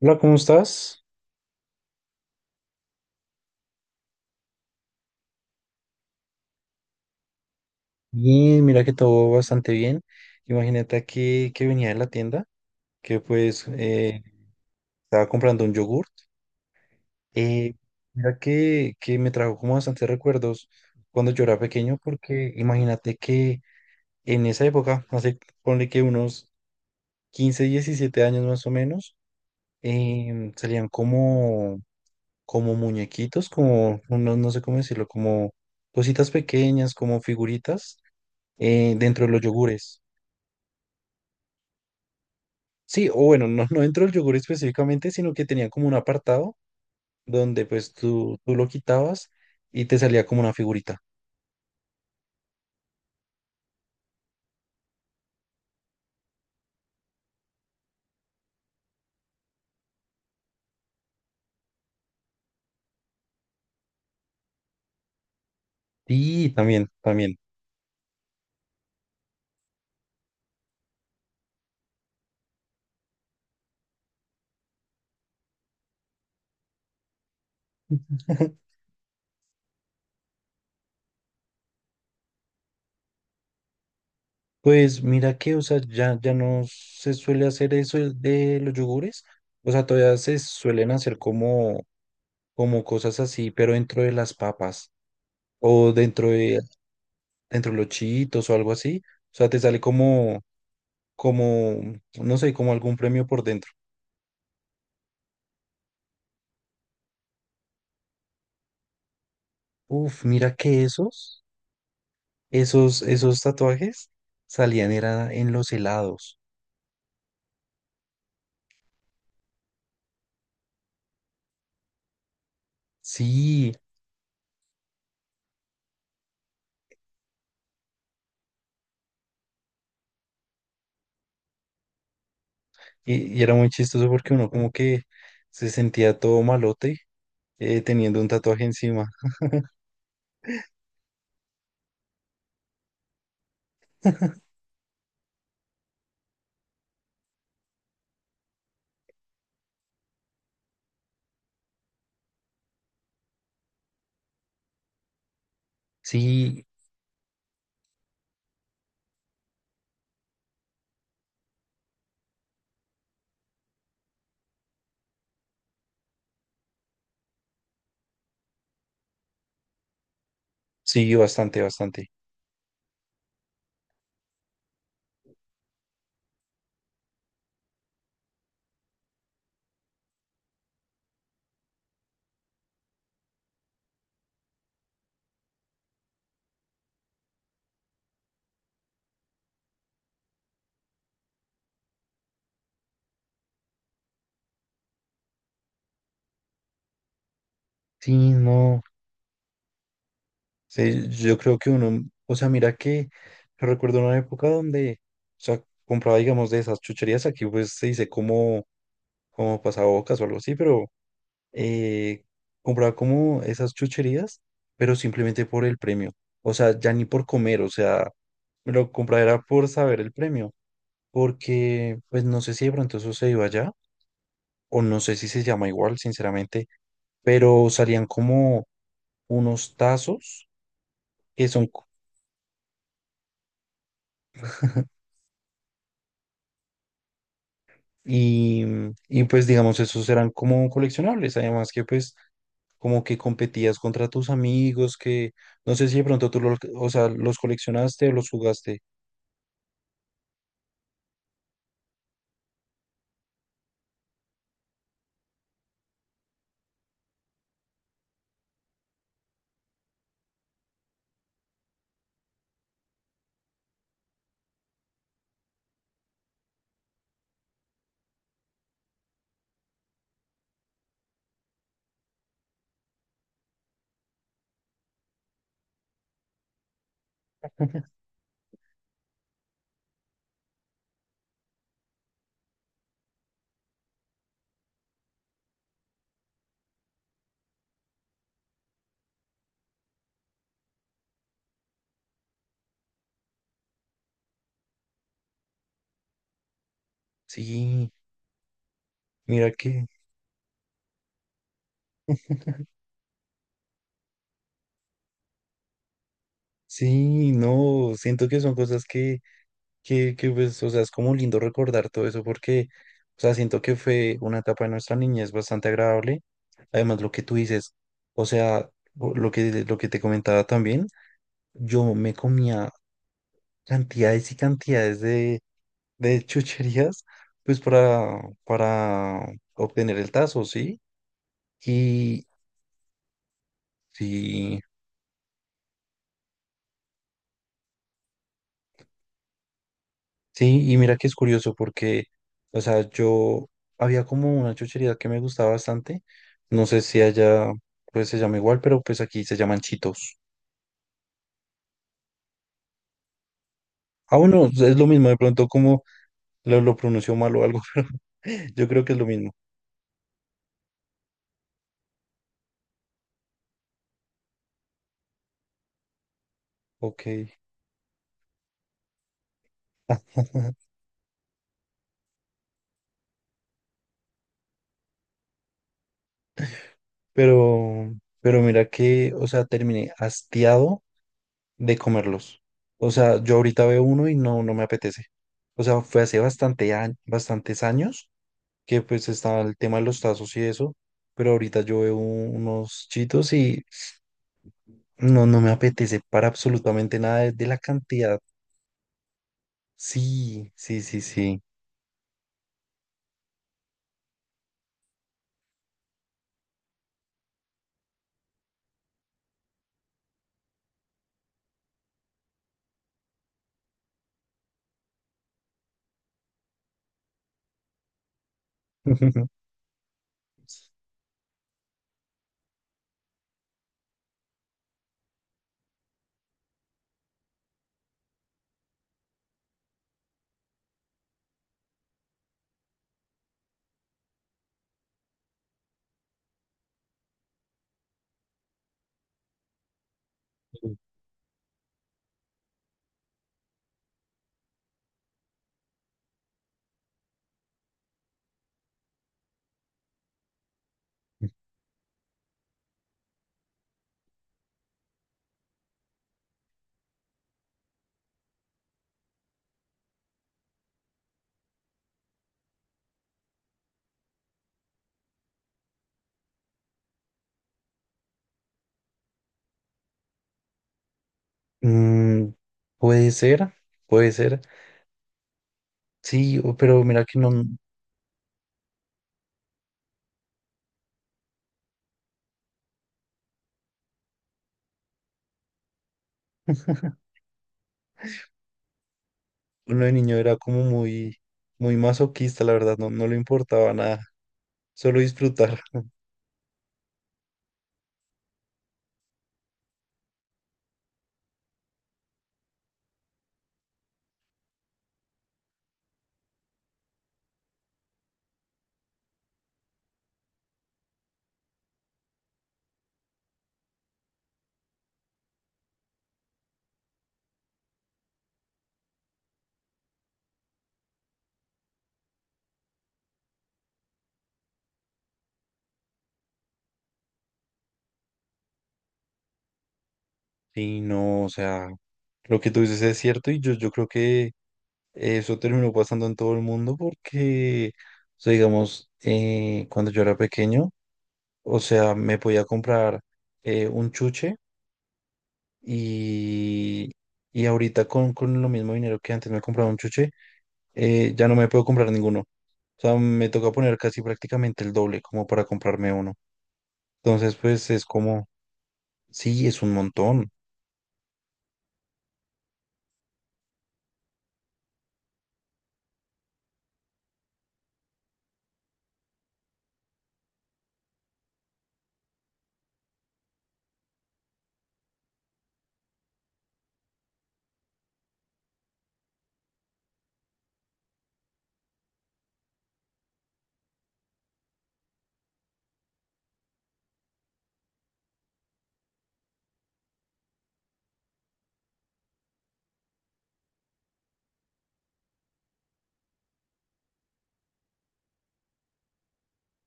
Hola, ¿cómo estás? Bien, mira que todo bastante bien. Imagínate que venía de la tienda, que pues estaba comprando un yogurt. Eh, Mira que me trajo como bastantes recuerdos cuando yo era pequeño, porque imagínate que en esa época, hace ponle que unos 15 17 años más o menos, salían como, como muñequitos, como, no sé cómo decirlo, como cositas pequeñas, como figuritas dentro de los yogures. Sí, o bueno, no entró el yogur específicamente, sino que tenía como un apartado donde pues tú lo quitabas y te salía como una figurita. Y también, también. Pues mira que, o sea, ya no se suele hacer eso el de los yogures. O sea, todavía se suelen hacer como, como cosas así, pero dentro de las papas o dentro de los chitos o algo así. O sea, te sale como, como, no sé, como algún premio por dentro. Uf, mira que esos. Esos, esos tatuajes salían era en los helados. Sí, y era muy chistoso porque uno como que se sentía todo malote teniendo un tatuaje encima. Sí, sí, bastante, bastante. Sí, no. Sí, yo creo que uno, o sea, mira que yo recuerdo una época donde, o sea, compraba, digamos, de esas chucherías. Aquí pues se dice como, como pasabocas o algo así, pero eh, compraba como esas chucherías, pero simplemente por el premio. O sea, ya ni por comer, o sea, me lo compraba era por saber el premio, porque pues no sé si de pronto eso se iba allá, o no sé si se llama igual, sinceramente, pero salían como unos tazos que son, co- y, y pues digamos, esos eran como coleccionables, además que pues como que competías contra tus amigos, que no sé si de pronto tú los, o sea, los coleccionaste o los jugaste. Sí. Mira que, sí, no, siento que son cosas que, pues, o sea, es como lindo recordar todo eso porque, o sea, siento que fue una etapa de nuestra niñez bastante agradable. Además, lo que tú dices, o sea, lo lo que te comentaba también, yo me comía cantidades y cantidades de chucherías, pues, para obtener el tazo, ¿sí? Y, sí. Sí, y mira que es curioso porque, o sea, yo había como una chuchería que me gustaba bastante. No sé si allá pues se llama igual, pero pues aquí se llaman chitos. Ah, bueno, es lo mismo, de pronto como lo pronunció mal o algo, pero yo creo que es lo mismo. Ok. Pero, pero mira que, o sea, terminé hastiado de comerlos. O sea, yo ahorita veo uno y no me apetece. O sea, fue hace bastante bastantes años que pues estaba el tema de los tazos y eso, pero ahorita yo veo unos chitos y no me apetece para absolutamente nada de, de la cantidad. Sí, sí, sí, sí. Mm, puede ser, puede ser. Sí, o- pero mira que no, uno de niño era como muy, muy masoquista, la verdad, no le importaba nada, solo disfrutar. Sí, no, o sea, lo que tú dices es cierto y yo creo que eso terminó pasando en todo el mundo porque, o sea, digamos, cuando yo era pequeño, o sea, me podía comprar un chuche y, y ahorita con lo mismo dinero que antes me compraba un chuche, ya no me puedo comprar ninguno. O sea, me toca poner casi prácticamente el doble como para comprarme uno. Entonces, pues es como, sí, es un montón.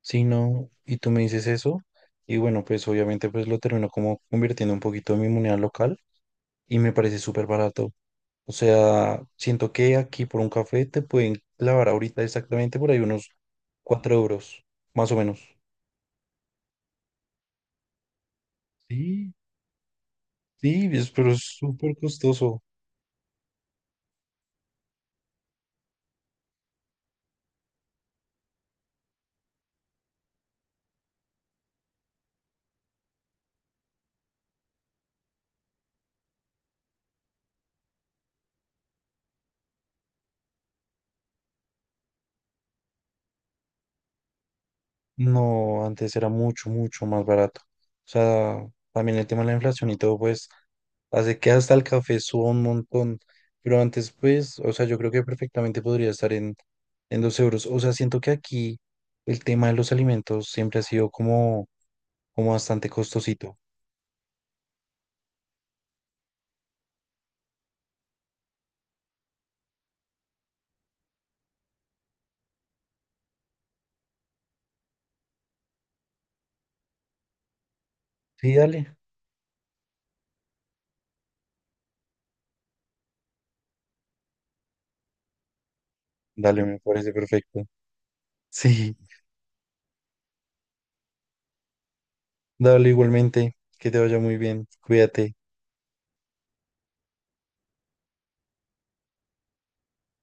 Sí, no, y tú me dices eso. Y bueno, pues obviamente pues lo termino como convirtiendo un poquito en mi moneda local y me parece súper barato. O sea, siento que aquí por un café te pueden clavar ahorita exactamente por ahí unos 4 euros, más o menos. Sí, sí, es- pero es súper costoso. No, antes era mucho, mucho más barato. O sea, también el tema de la inflación y todo, pues, hace que hasta el café suba un montón. Pero antes, pues, o sea, yo creo que perfectamente podría estar en 2 euros. O sea, siento que aquí el tema de los alimentos siempre ha sido como, como bastante costosito. Sí, dale. Dale, me parece perfecto. Sí, dale igualmente. Que te vaya muy bien. Cuídate.